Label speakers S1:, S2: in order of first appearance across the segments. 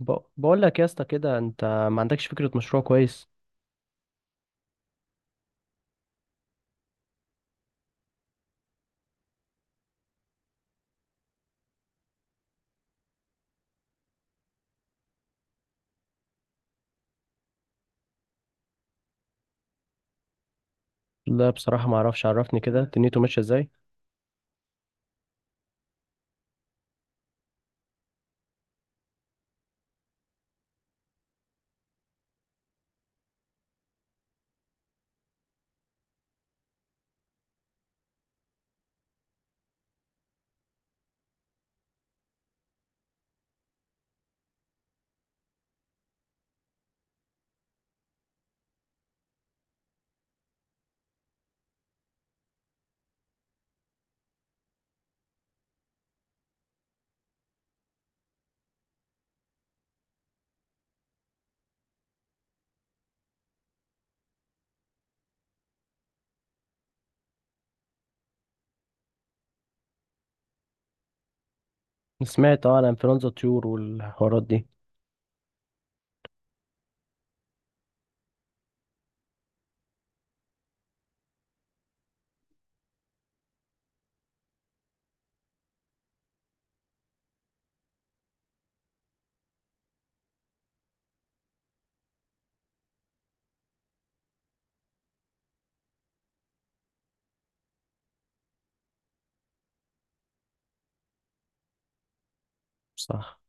S1: بقول لك يا اسطى كده، انت ما عندكش فكره مشروع كويس. لا، بصراحه ما اعرفش. عرفني كده دنيته ماشيه ازاي. سمعت عن انفلونزا طيور والحوارات دي. صح.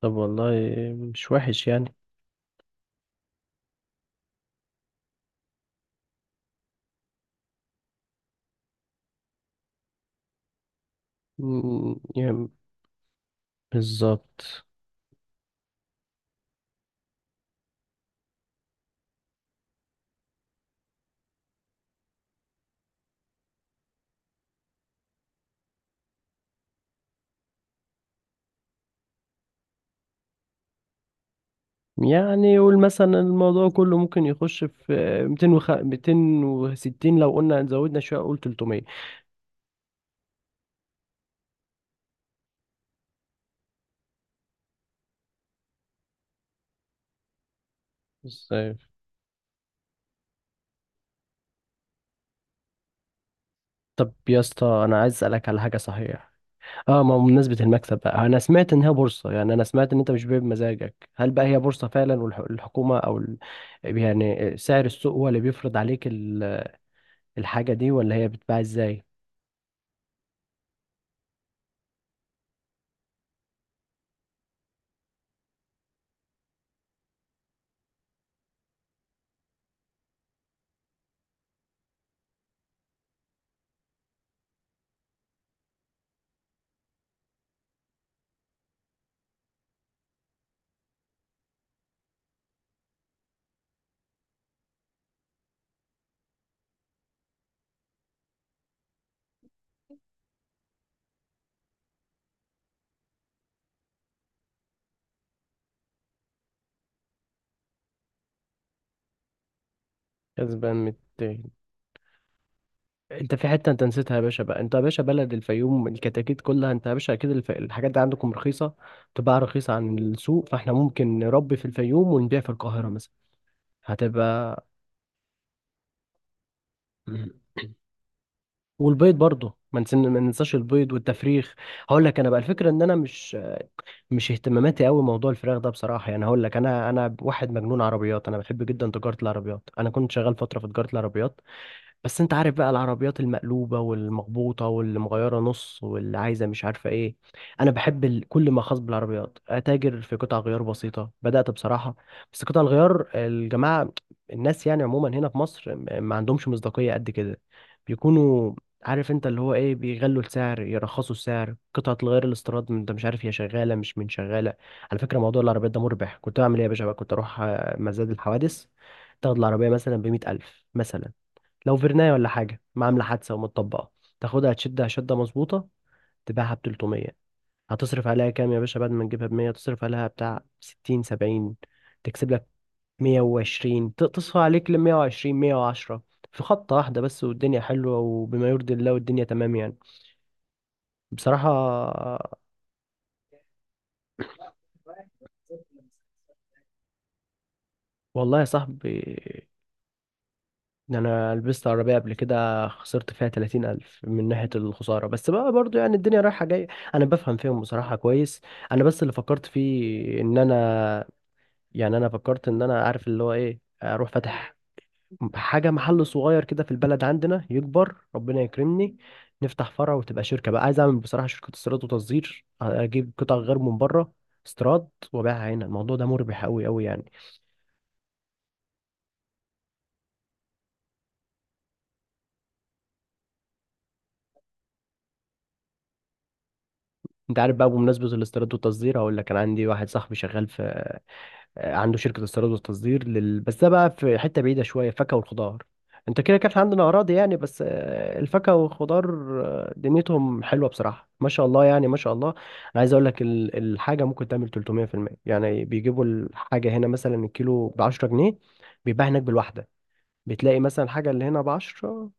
S1: طب والله مش وحش يعني. يعني بالظبط. يعني يقول مثلا الموضوع كله ممكن يخش في 200 260، لو قلنا زودنا شويه قول 300. ازاي؟ طب يا اسطى، انا عايز اسالك على حاجه صحيح. اه، ما هو بمناسبة المكسب بقى، انا سمعت ان هي بورصة. يعني انا سمعت ان انت مش بيع بمزاجك. هل بقى هي بورصة فعلا والحكومة او يعني سعر السوق هو اللي بيفرض عليك الحاجة دي، ولا هي بتتباع ازاي؟ كسبان مت... انت في حتة انت نسيتها يا باشا. بقى انت يا باشا بلد الفيوم، الكتاكيت كلها، انت يا باشا اكيد الحاجات دي عندكم رخيصة. تباع رخيصة عن السوق، فاحنا ممكن نربي في الفيوم ونبيع في القاهرة مثلا. هتبقى. مم. والبيض برضه، ما ننساش البيض والتفريخ. هقول لك انا بقى الفكره، ان انا مش اهتماماتي قوي موضوع الفراخ ده بصراحه. يعني هقول لك، انا واحد مجنون عربيات. انا بحب جدا تجاره العربيات، انا كنت شغال فتره في تجاره العربيات. بس انت عارف بقى، العربيات المقلوبة والمخبوطة واللي مغيرة نص واللي عايزة مش عارفة ايه. انا بحب كل ما خاص بالعربيات. اتاجر في قطع غيار بسيطة بدأت بصراحة. بس قطع الغيار، الجماعة الناس يعني عموما هنا في مصر ما عندهمش مصداقية قد كده. بيكونوا عارف انت اللي هو ايه، بيغلوا السعر، يرخصوا السعر، قطعة الغيار الاستيراد انت مش عارف هي شغالة مش من شغالة. على فكرة موضوع العربيات ده مربح. كنت اعمل ايه يا باشا بقى؟ كنت اروح مزاد الحوادث. تاخد العربية مثلا بمية ألف مثلا، لو فيرناية ولا حاجة، ما عاملة حادثة ومتطبقة. تاخدها تشدها شدة مظبوطة، تباعها ب 300. هتصرف عليها كام يا باشا؟ بعد ما تجيبها ب 100، تصرف عليها بتاع 60، 70. تكسب لك 120. تصفى عليك ل 120، 110. في خطة واحدة بس، والدنيا حلوة وبما يرضي الله، والدنيا تمام يعني. بصراحة. والله يا صاحبي، إن انا لبست عربية قبل كده خسرت فيها 30 الف من ناحية الخسارة. بس بقى برضو يعني الدنيا رايحة جاية. انا بفهم فيهم بصراحة كويس. انا بس اللي فكرت فيه ان انا يعني، انا فكرت ان انا عارف اللي هو ايه، اروح فاتح حاجة، محل صغير كده في البلد عندنا. يكبر ربنا يكرمني، نفتح فرع وتبقى شركة بقى. عايز اعمل بصراحة شركة استيراد وتصدير، اجيب قطع غير من بره، استيراد، وبيعها هنا. الموضوع ده مربح قوي قوي يعني. انت عارف بقى بمناسبة الاستيراد والتصدير، هقول لك، انا عندي واحد صاحبي شغال في عنده شركة استيراد وتصدير بس ده بقى في حتة بعيدة شوية. فاكهة والخضار، انت كده كان عندنا أراضي يعني، بس الفاكهة والخضار دنيتهم حلوة بصراحة. ما شاء الله يعني، ما شاء الله. أنا عايز أقول لك الحاجة ممكن تعمل 300%، يعني بيجيبوا الحاجة هنا مثلا الكيلو ب 10 جنيه، بيتباع هناك بالواحدة. بتلاقي مثلا الحاجة اللي هنا ب 10،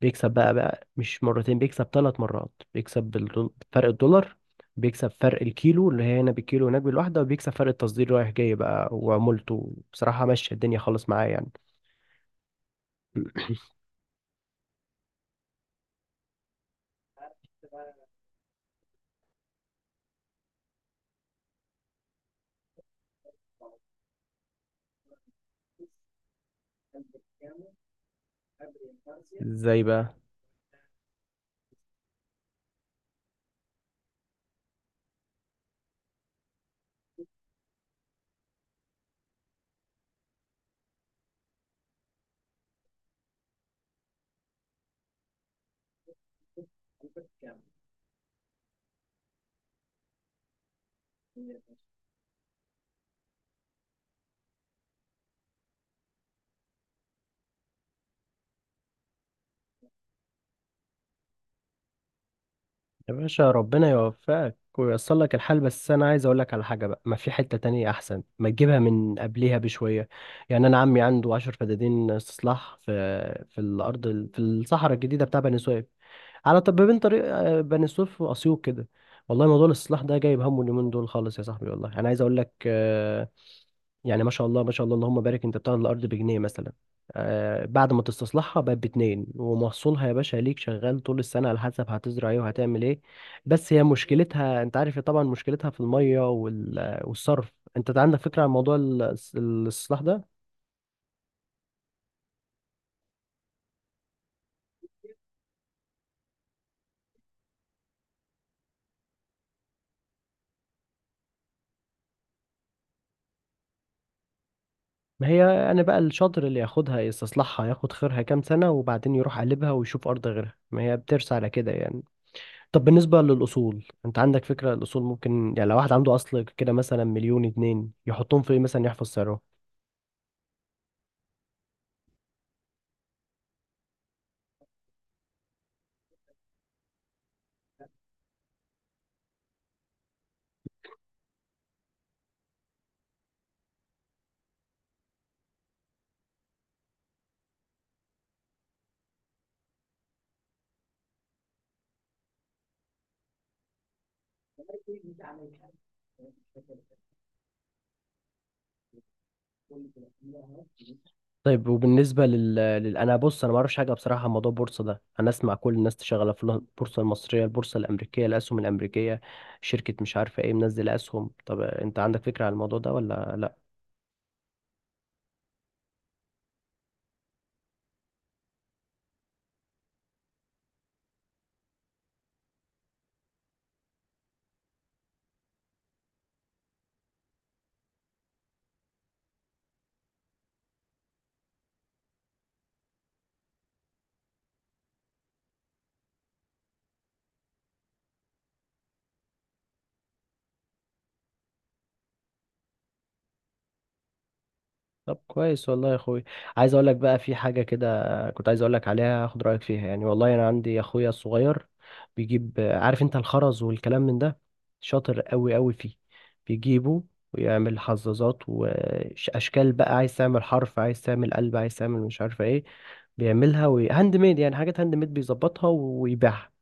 S1: بيكسب بقى. مش مرتين، بيكسب ثلاث مرات. بيكسب فرق الدولار، بيكسب فرق الكيلو اللي هي هنا بالكيلو هناك بالواحدة، وبيكسب فرق التصدير رايح جاي بقى. وعمولته بصراحة ماشية الدنيا خالص معايا يعني. ازاي بقى؟ يا باشا، ربنا يوفقك وييسر لك الحال. بس انا عايز اقول لك على حاجه بقى، ما في حته تانية احسن ما تجيبها من قبليها بشويه. يعني انا عمي عنده 10 فدادين استصلاح في الارض، في الصحراء الجديده بتاع بني سويف. على طب بين طريق بني سويف واسيوط كده. والله موضوع الاستصلاح ده جايب همه اليومين دول خالص يا صاحبي. والله انا عايز اقول لك يعني ما شاء الله، ما شاء الله، اللهم بارك، انت بتاخد الارض بجنيه مثلا بعد ما تستصلحها بقت باتنين. ومحصولها يا باشا ليك شغال طول السنه، على حسب هتزرع ايه وهتعمل ايه. بس هي مشكلتها، انت عارف طبعا مشكلتها في الميه والصرف. انت عندك فكره عن موضوع الاستصلاح ده؟ ما هي انا بقى الشاطر اللي ياخدها يستصلحها، ياخد خيرها كام سنه، وبعدين يروح قلبها ويشوف ارض غيرها. ما هي بترسى على كده يعني. طب بالنسبة للأصول، أنت عندك فكرة؟ الأصول ممكن يعني، لو واحد عنده أصل كده مثلا مليون اتنين، يحطهم في إيه مثلا يحفظ سعره؟ طيب، وبالنسبة أنا بص، أنا ما أعرفش حاجة بصراحة عن موضوع البورصة ده. أنا أسمع كل الناس شغالة في البورصة المصرية، البورصة الأمريكية، الأسهم الأمريكية، شركة مش عارفة إيه منزل أسهم. طب أنت عندك فكرة عن الموضوع ده ولا لأ؟ طب كويس، والله يا اخوي. عايز اقول لك بقى في حاجه كده كنت عايز اقول لك عليها، اخد رايك فيها يعني. والله انا عندي اخويا الصغير بيجيب، عارف انت، الخرز والكلام من ده. شاطر قوي قوي فيه. بيجيبه ويعمل حظاظات واشكال بقى. عايز تعمل حرف، عايز تعمل قلب، عايز تعمل مش عارفه ايه، بيعملها. وهاند ميد يعني، حاجات هاند ميد بيظبطها ويبيعها.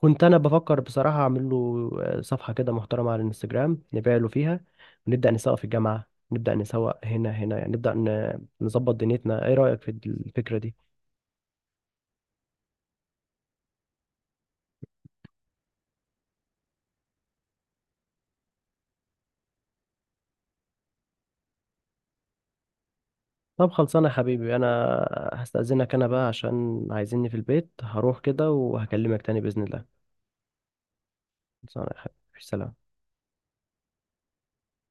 S1: كنت انا بفكر بصراحه اعمل له صفحه كده محترمه على الانستجرام، نبيع له فيها، ونبدا نسوق في الجامعه. نبدا نسوق هنا يعني، نبدا نظبط دنيتنا. ايه رايك في الفكره دي؟ طب خلصانه يا حبيبي. انا هستاذنك انا بقى عشان عايزيني في البيت، هروح كده وهكلمك تاني باذن الله. خلصانه يا حبيبي. سلام.